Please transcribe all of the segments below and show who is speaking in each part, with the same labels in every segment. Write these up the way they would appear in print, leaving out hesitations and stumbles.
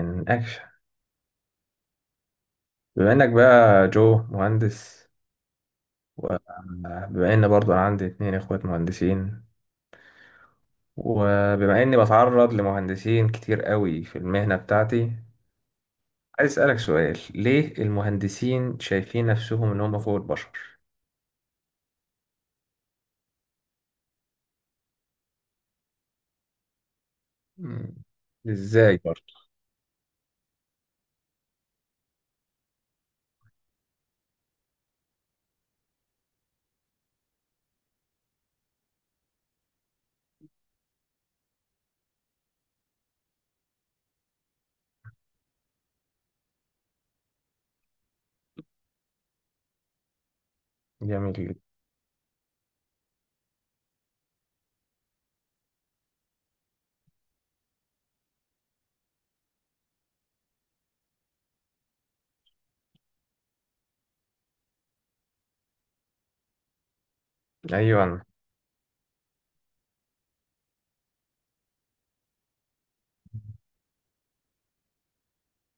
Speaker 1: من اكشن، بما انك بقى جو مهندس، وبما ان برضو انا عندي اتنين اخوات مهندسين، وبما اني بتعرض لمهندسين كتير قوي في المهنة بتاعتي، عايز اسألك سؤال: ليه المهندسين شايفين نفسهم ان هم فوق البشر؟ مم. ازاي برضو؟ جميل جدا. ايوه،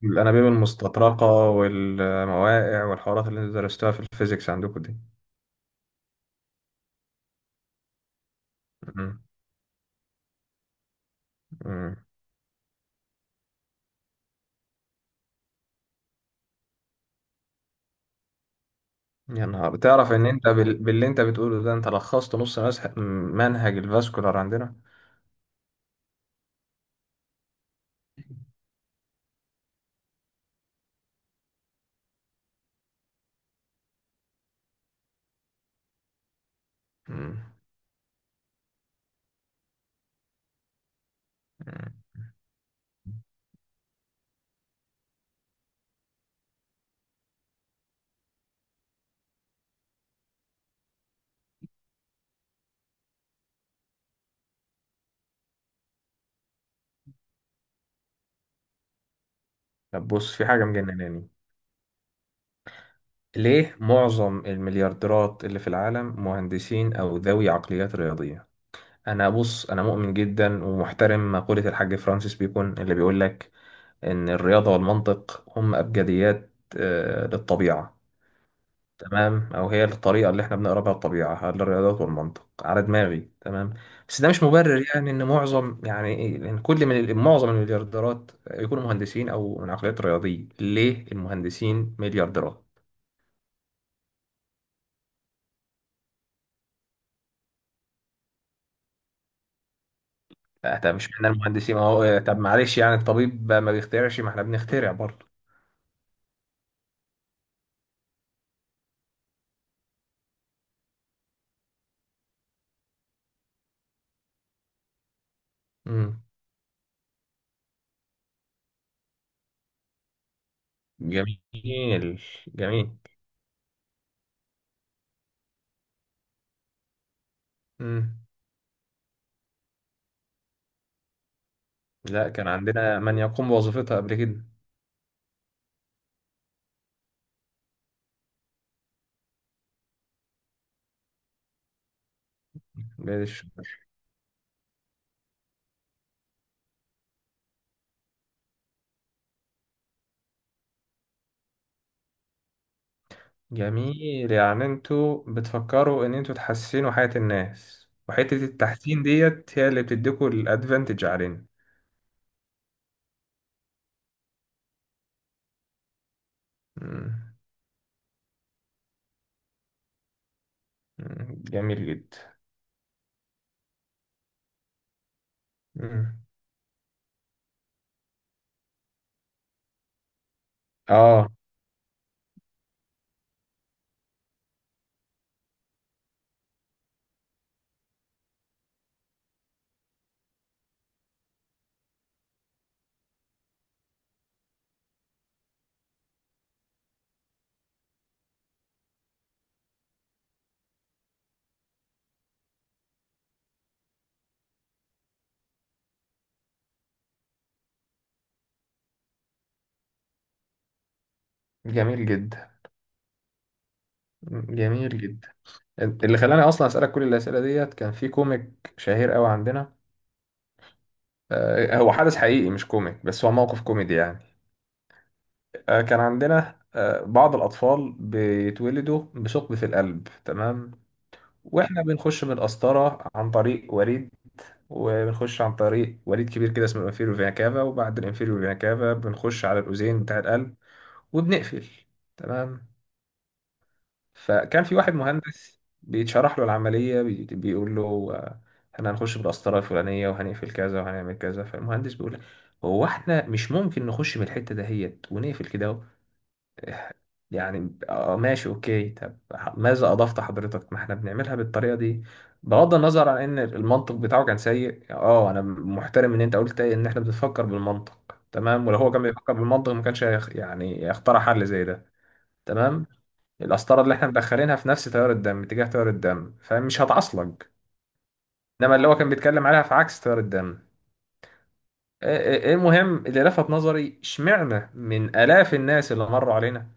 Speaker 1: الانابيب المستطرقة والمواقع والحوارات اللي انتوا درستوها في الفيزيكس عندكم دي. مم. مم. يا نهار، بتعرف ان انت باللي انت بتقوله ده انت لخصت نص منهج الفاسكولار عندنا. مم. مم. طب بص، في حاجة مجنناني: ليه معظم المليارديرات اللي في العالم مهندسين او ذوي عقليات رياضية؟ انا بص، انا مؤمن جدا ومحترم مقولة الحاج فرانسيس بيكون اللي بيقول لك ان الرياضة والمنطق هم ابجديات، للطبيعة. تمام، او هي الطريقه اللي احنا بنقرا بها الطبيعه، على الرياضات والمنطق على دماغي. تمام، بس ده مش مبرر، يعني ان معظم، يعني إيه؟ لان كل من معظم المليارديرات يكونوا مهندسين او من عقليات رياضيه. ليه المهندسين مليارديرات؟ لا طب مش معنى المهندسين اهو، طب معلش يعني، الطبيب ما بيخترعش؟ ما احنا بنخترع برضه. امم، جميل. جميل. امم، لا كان عندنا من يقوم بوظيفتها قبل كده. جميل، يعني انتوا بتفكروا ان انتوا تحسنوا حياة الناس، وحتة التحسين ديت هي اللي بتديكوا الادفانتج علينا. مم. جميل جدا. مم. اه. جميل جدا. جميل جدا. اللي خلاني اصلا اسألك كل الاسئلة ديت كان في كوميك شهير قوي عندنا. آه، هو حدث حقيقي مش كوميك، بس هو موقف كوميدي يعني. آه، كان عندنا آه بعض الاطفال بيتولدوا بثقب في القلب، تمام؟ واحنا بنخش بالقسطره عن طريق وريد، وبنخش عن طريق وريد كبير كده اسمه الانفيريور فينا كافا، وبعد الانفيريور فينا كافا بنخش على الاذين بتاع القلب وبنقفل. تمام؟ فكان في واحد مهندس بيتشرح له العملية، بيقول له آه، احنا هنخش بالقسطرة الفلانية وهنقفل كذا وهنعمل كذا، فالمهندس بيقول له: هو احنا مش ممكن نخش من الحتة دهيت ونقفل كده؟ يعني اه ماشي، اوكي، طب ماذا اضفت حضرتك؟ ما احنا بنعملها بالطريقه دي. بغض النظر عن ان المنطق بتاعه كان سيء، اه انا محترم ان انت قلت ان احنا بنفكر بالمنطق، تمام؟ ولو هو كان بيفكر بالمنطق ما كانش يعني يخترع حل زي ده. تمام، القسطره اللي احنا مدخلينها في نفس تيار الدم، اتجاه تيار الدم، فمش هتعصلج. انما اللي هو كان بيتكلم عليها في عكس تيار الدم. إيه المهم، اللي لفت نظري، اشمعنى من الاف الناس اللي مروا علينا،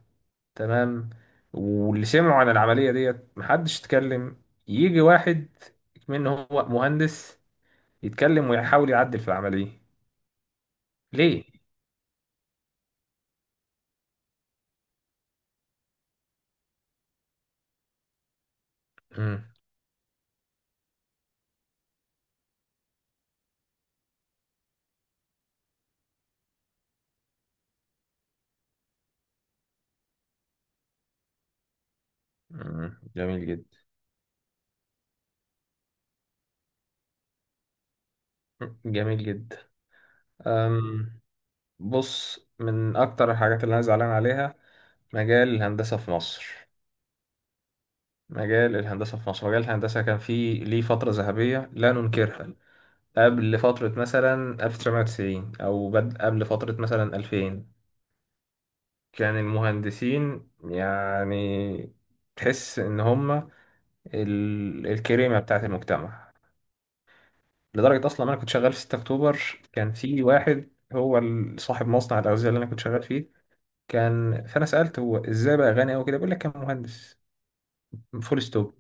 Speaker 1: تمام، واللي سمعوا عن العملية ديت، محدش اتكلم. يجي واحد منه هو مهندس، يتكلم ويحاول يعدل في العملية. ليه؟ مم. جميل جدا. جميل جدا. أم، بص، من أكتر الحاجات اللي أنا زعلان عليها مجال الهندسة في مصر. مجال الهندسة في مصر، مجال الهندسة كان فيه ليه فترة ذهبية لا ننكرها، قبل فترة مثلا 1990، أو قبل فترة مثلا 2000، كان المهندسين يعني تحس ان هم الكريمه بتاعه المجتمع. لدرجه اصلا انا كنت شغال في 6 اكتوبر، كان في واحد هو صاحب مصنع الاغذيه اللي انا كنت شغال فيه، كان، فانا سالته هو ازاي بقى غني قوي كده، بيقول لك كان مهندس. فول ستوب.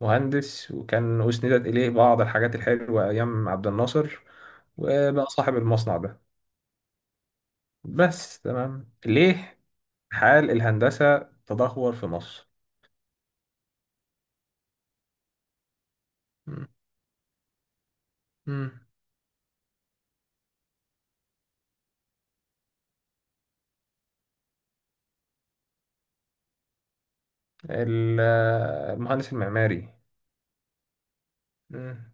Speaker 1: مهندس، وكان اسندت اليه بعض الحاجات الحلوه ايام عبد الناصر، وبقى صاحب المصنع ده. بس تمام، ليه حال الهندسه تدهور في مصر؟ مم. ال- المهندس المعماري. مم.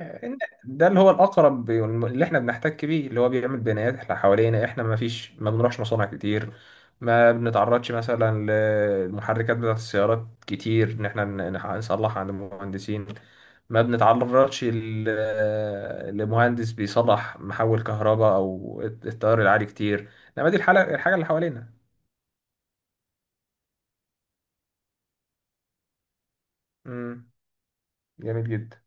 Speaker 1: إن- ده اللي هو الأقرب، اللي إحنا بنحتك بيه، اللي هو بيعمل بنايات إحنا حوالينا. إحنا ما فيش، ما بنروحش مصانع كتير، ما بنتعرضش مثلا للمحركات بتاعة السيارات كتير، إن إحنا نصلح عند المهندسين. ما بنتعرضش لمهندس بيصلح محول كهرباء أو التيار العالي كتير. إنما دي الحاجة، الحاجة اللي حوالينا. مم. جميل جدا.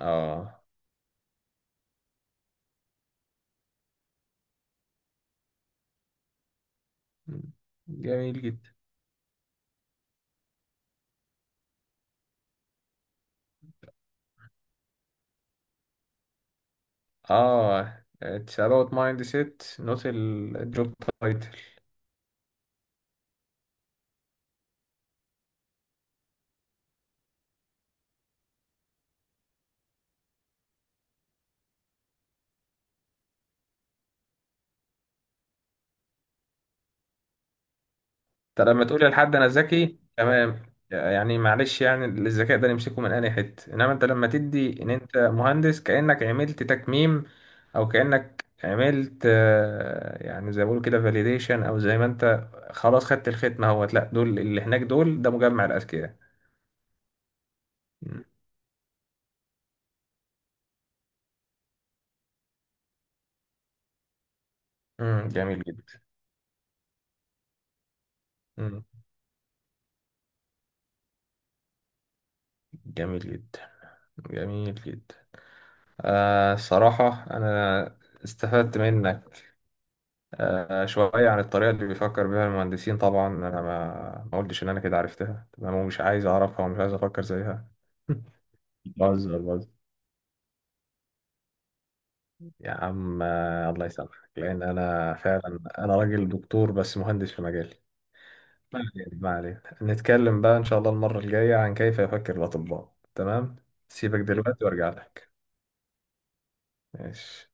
Speaker 1: آه، جميل جدا. اه it's about mindset not الجوب تايتل. طب لما تقول لحد انا ذكي، تمام، يعني معلش يعني الذكاء ده نمسكه من اي حته، انما انت لما تدي ان انت مهندس كانك عملت تكميم، او كانك عملت آه، يعني زي ما بيقولوا كده فاليديشن، او زي ما انت خلاص خدت الختمه اهوت، لا دول اللي هناك دول، ده مجمع الاذكياء. مم. مم، جميل جدا. مم، جميل جدا. جميل جدا. آه، الصراحة أنا استفدت منك آه شوية عن الطريقة اللي بيفكر بيها المهندسين. طبعا أنا ما قلتش إن أنا كده عرفتها، تمام، ومش عايز أعرفها ومش عايز أفكر زيها. بهزر بهزر يا عم، آه، الله يسامحك، لأن أنا فعلا أنا راجل دكتور، بس مهندس في مجالي. ما علينا، ما علينا، نتكلم بقى إن شاء الله المرة الجاية عن كيف يفكر الأطباء. تمام، سيبك دلوقتي وأرجع لك. ماشي.